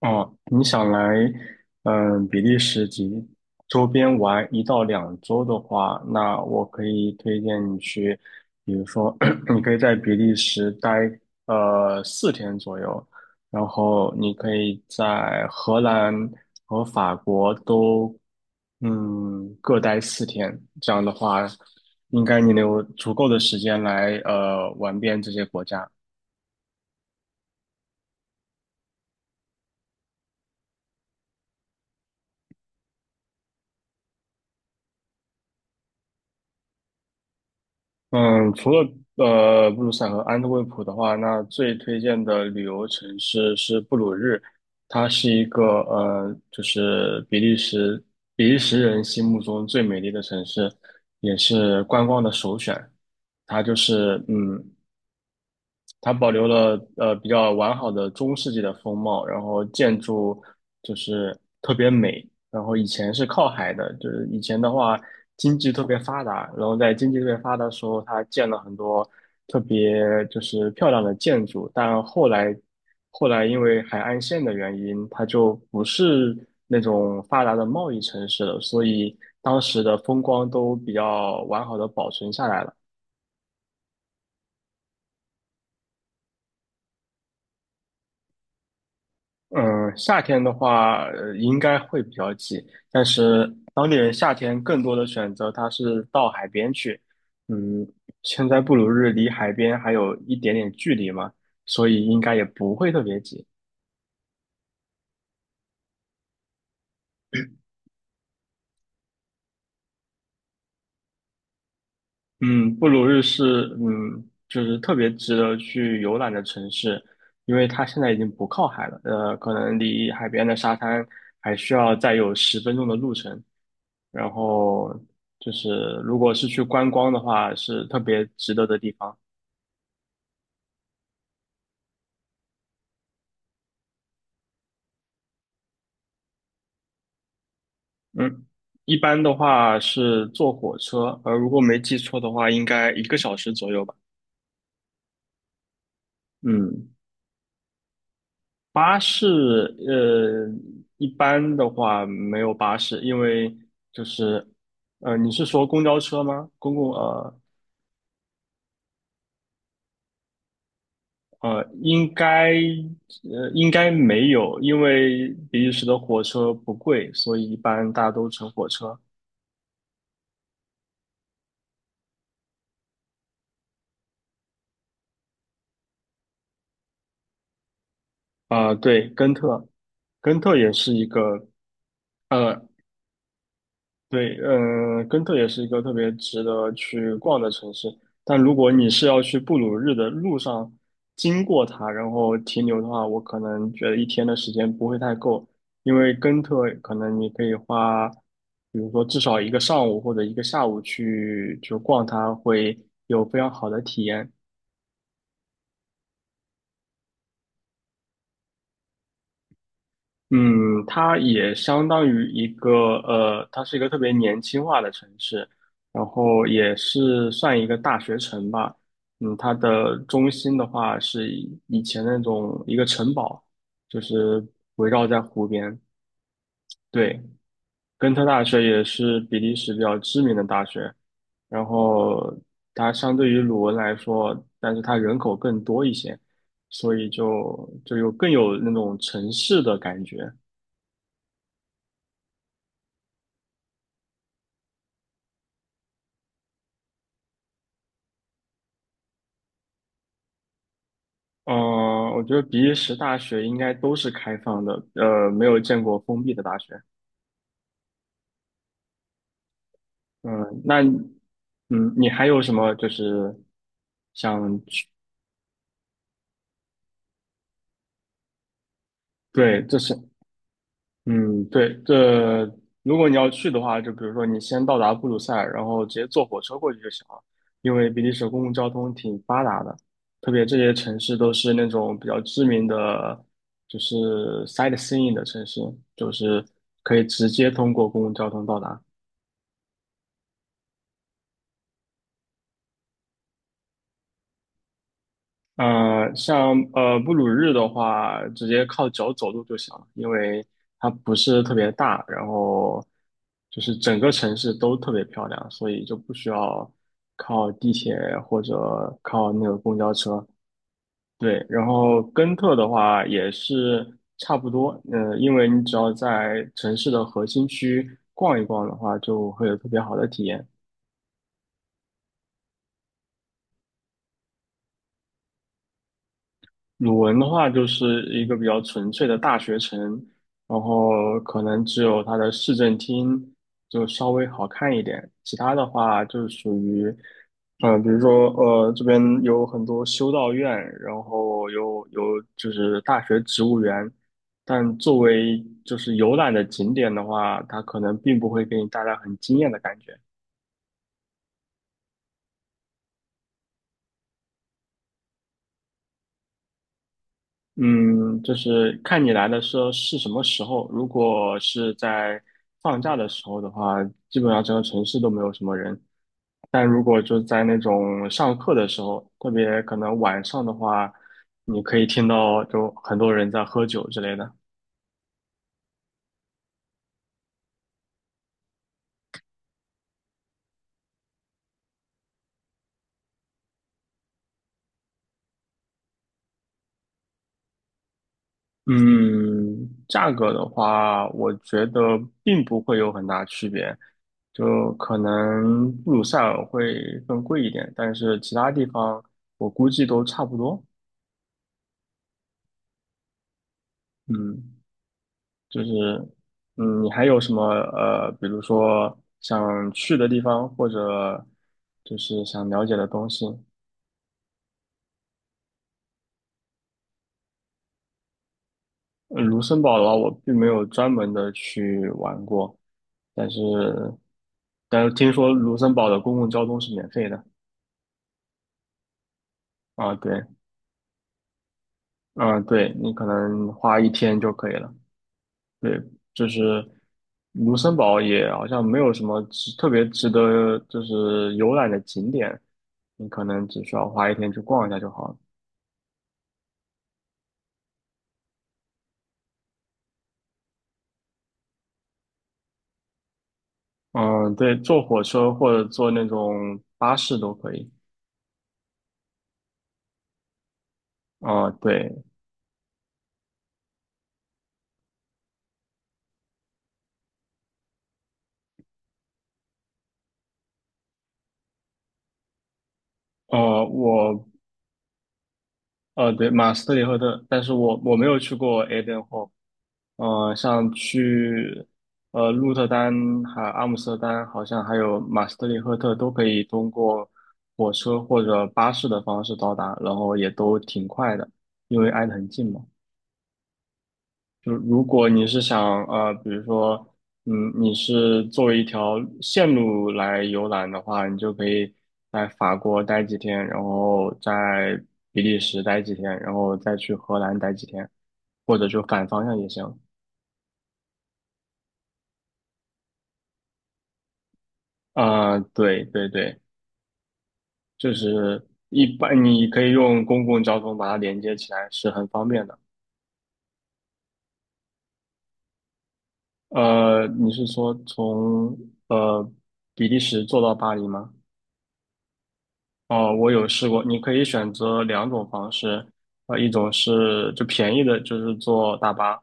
哦，你想来，比利时及周边玩一到两周的话，那我可以推荐你去，比如说，你可以在比利时待4天左右，然后你可以在荷兰和法国都，各待四天。这样的话，应该你能有足够的时间来玩遍这些国家。嗯，除了布鲁塞和安特卫普的话，那最推荐的旅游城市是布鲁日，它是一个就是比利时人心目中最美丽的城市，也是观光的首选。它就是嗯，它保留了比较完好的中世纪的风貌，然后建筑就是特别美。然后以前是靠海的，就是以前的话经济特别发达，然后在经济特别发达的时候，它建了很多特别就是漂亮的建筑，但后来因为海岸线的原因，它就不是那种发达的贸易城市了，所以当时的风光都比较完好的保存下来了。嗯，夏天的话，应该会比较挤，但是当地人夏天更多的选择，他是到海边去。嗯，现在布鲁日离海边还有一点点距离嘛，所以应该也不会特别挤。嗯，布鲁日是就是特别值得去游览的城市，因为它现在已经不靠海了，可能离海边的沙滩还需要再有10分钟的路程。然后就是如果是去观光的话，是特别值得的地方。嗯，一般的话是坐火车，如果没记错的话，应该一个小时左右吧。嗯，巴士，呃，一般的话没有巴士，因为就是，你是说公交车吗？公共。应该没有，因为比利时的火车不贵，所以一般大家都乘火车。啊、对，根特，根特也是一个，呃，对，根特也是一个特别值得去逛的城市。但如果你是要去布鲁日的路上经过它，然后停留的话，我可能觉得一天的时间不会太够，因为根特可能你可以花，比如说至少一个上午或者一个下午去就逛它，会有非常好的体验。嗯，它也相当于一个呃，它是一个特别年轻化的城市，然后也是算一个大学城吧。它的中心的话是以前那种一个城堡，就是围绕在湖边。对，根特大学也是比利时比较知名的大学，然后它相对于鲁汶来说，但是它人口更多一些，所以就有更有那种城市的感觉。嗯，我觉得比利时大学应该都是开放的，没有见过封闭的大学。嗯，那你嗯，你还有什么就是想去？对，这是嗯，对，如果你要去的话，就比如说你先到达布鲁塞尔，然后直接坐火车过去就行了，因为比利时公共交通挺发达的，特别这些城市都是那种比较知名的，就是 sightseeing 的城市，就是可以直接通过公共交通到达。像布鲁日的话，直接靠脚走路就行了，因为它不是特别大，然后就是整个城市都特别漂亮，所以就不需要靠地铁或者靠那个公交车。对，然后根特的话也是差不多，因为你只要在城市的核心区逛一逛的话，就会有特别好的体验。鲁文的话，就是一个比较纯粹的大学城，然后可能只有它的市政厅就稍微好看一点，其他的话就是属于，比如说这边有很多修道院，然后有就是大学植物园，但作为就是游览的景点的话，它可能并不会给你带来很惊艳的感觉。嗯，就是看你来的时候是什么时候。如果是在放假的时候的话，基本上整个城市都没有什么人。但如果就在那种上课的时候，特别可能晚上的话，你可以听到就很多人在喝酒之类的。嗯，价格的话，我觉得并不会有很大区别，就可能布鲁塞尔会更贵一点，但是其他地方我估计都差不多。嗯。就是，你还有什么比如说想去的地方，或者就是想了解的东西？卢森堡的话，我并没有专门的去玩过，但是听说卢森堡的公共交通是免费的啊，对，啊，对，你可能花一天就可以了。对，就是卢森堡也好像没有什么值特别值得就是游览的景点，你可能只需要花一天去逛一下就好了。嗯，对，坐火车或者坐那种巴士都可以。啊、对，呃，我对，马斯特里赫特，但是我没有去过 a i d e n h o 像去鹿特丹还有阿姆斯特丹，好像还有马斯特里赫特，都可以通过火车或者巴士的方式到达，然后也都挺快的，因为挨得很近嘛。就如果你是想比如说，你是作为一条线路来游览的话，你就可以在法国待几天，然后在比利时待几天，然后再去荷兰待几天，或者就反方向也行。啊、对对对，就是一般你可以用公共交通把它连接起来，是很方便的。你是说从呃比利时坐到巴黎吗？哦，我有试过，你可以选择两种方式，一种是就便宜的，就是坐大巴，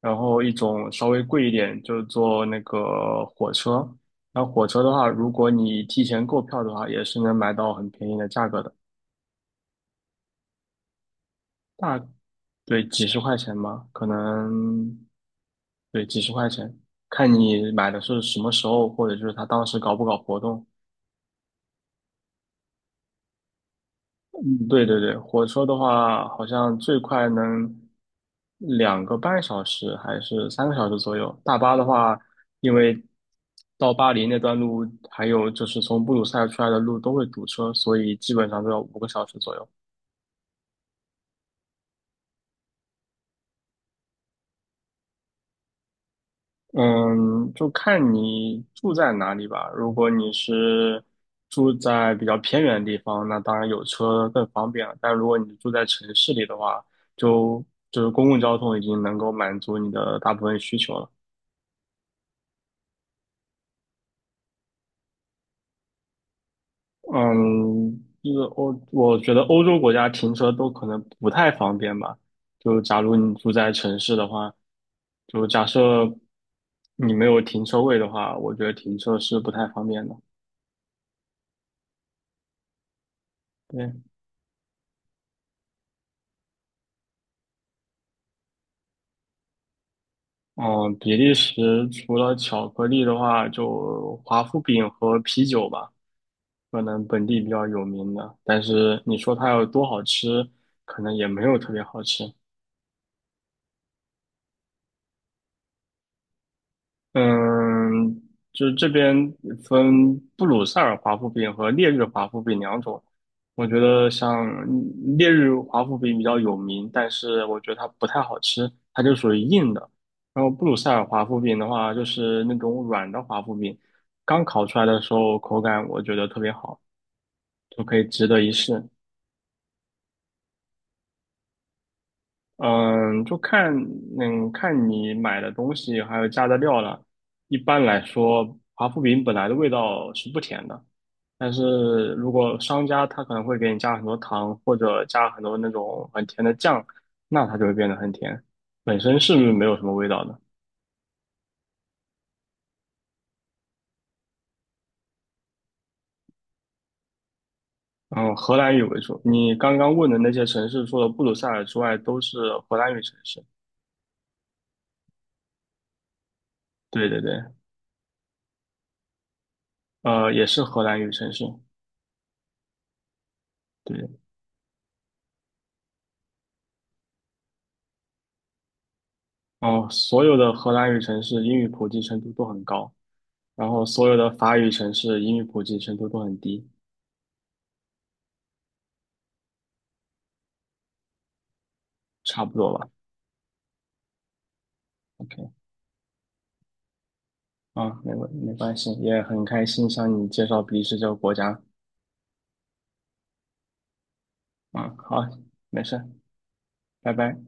然后一种稍微贵一点，就是坐那个火车。然后火车的话，如果你提前购票的话，也是能买到很便宜的价格的，大，对，几十块钱吧，可能，对，几十块钱，看你买的是什么时候，或者就是他当时搞不搞活动。嗯，对对对，火车的话，好像最快能2个半小时还是3个小时左右。大巴的话，因为到巴黎那段路，还有就是从布鲁塞尔出来的路都会堵车，所以基本上都要5个小时左右。嗯，就看你住在哪里吧。如果你是住在比较偏远的地方，那当然有车更方便了。但如果你住在城市里的话，就就是公共交通已经能够满足你的大部分需求了。嗯，就是欧，我觉得欧洲国家停车都可能不太方便吧。就假如你住在城市的话，就假设你没有停车位的话，我觉得停车是不太方便的。对，嗯，比利时除了巧克力的话，就华夫饼和啤酒吧，可能本地比较有名的。但是你说它有多好吃，可能也没有特别好吃。嗯，就这边分布鲁塞尔华夫饼和烈日华夫饼两种。我觉得像烈日华夫饼比较有名，但是我觉得它不太好吃，它就属于硬的。然后布鲁塞尔华夫饼的话，就是那种软的华夫饼，刚烤出来的时候口感我觉得特别好，就可以值得一试。嗯，就看你买的东西还有加的料了。一般来说，华夫饼本来的味道是不甜的，但是如果商家他可能会给你加很多糖或者加很多那种很甜的酱，那它就会变得很甜，本身是没有什么味道的。嗯，荷兰语为主。你刚刚问的那些城市，除了布鲁塞尔之外，都是荷兰语城市。对对对，也是荷兰语城市。对。哦，所有的荷兰语城市英语普及程度都很高，然后所有的法语城市英语普及程度都很低，差不多吧。OK，啊，没关系，也很开心向你介绍比利时这个国家。嗯，好，没事，拜拜。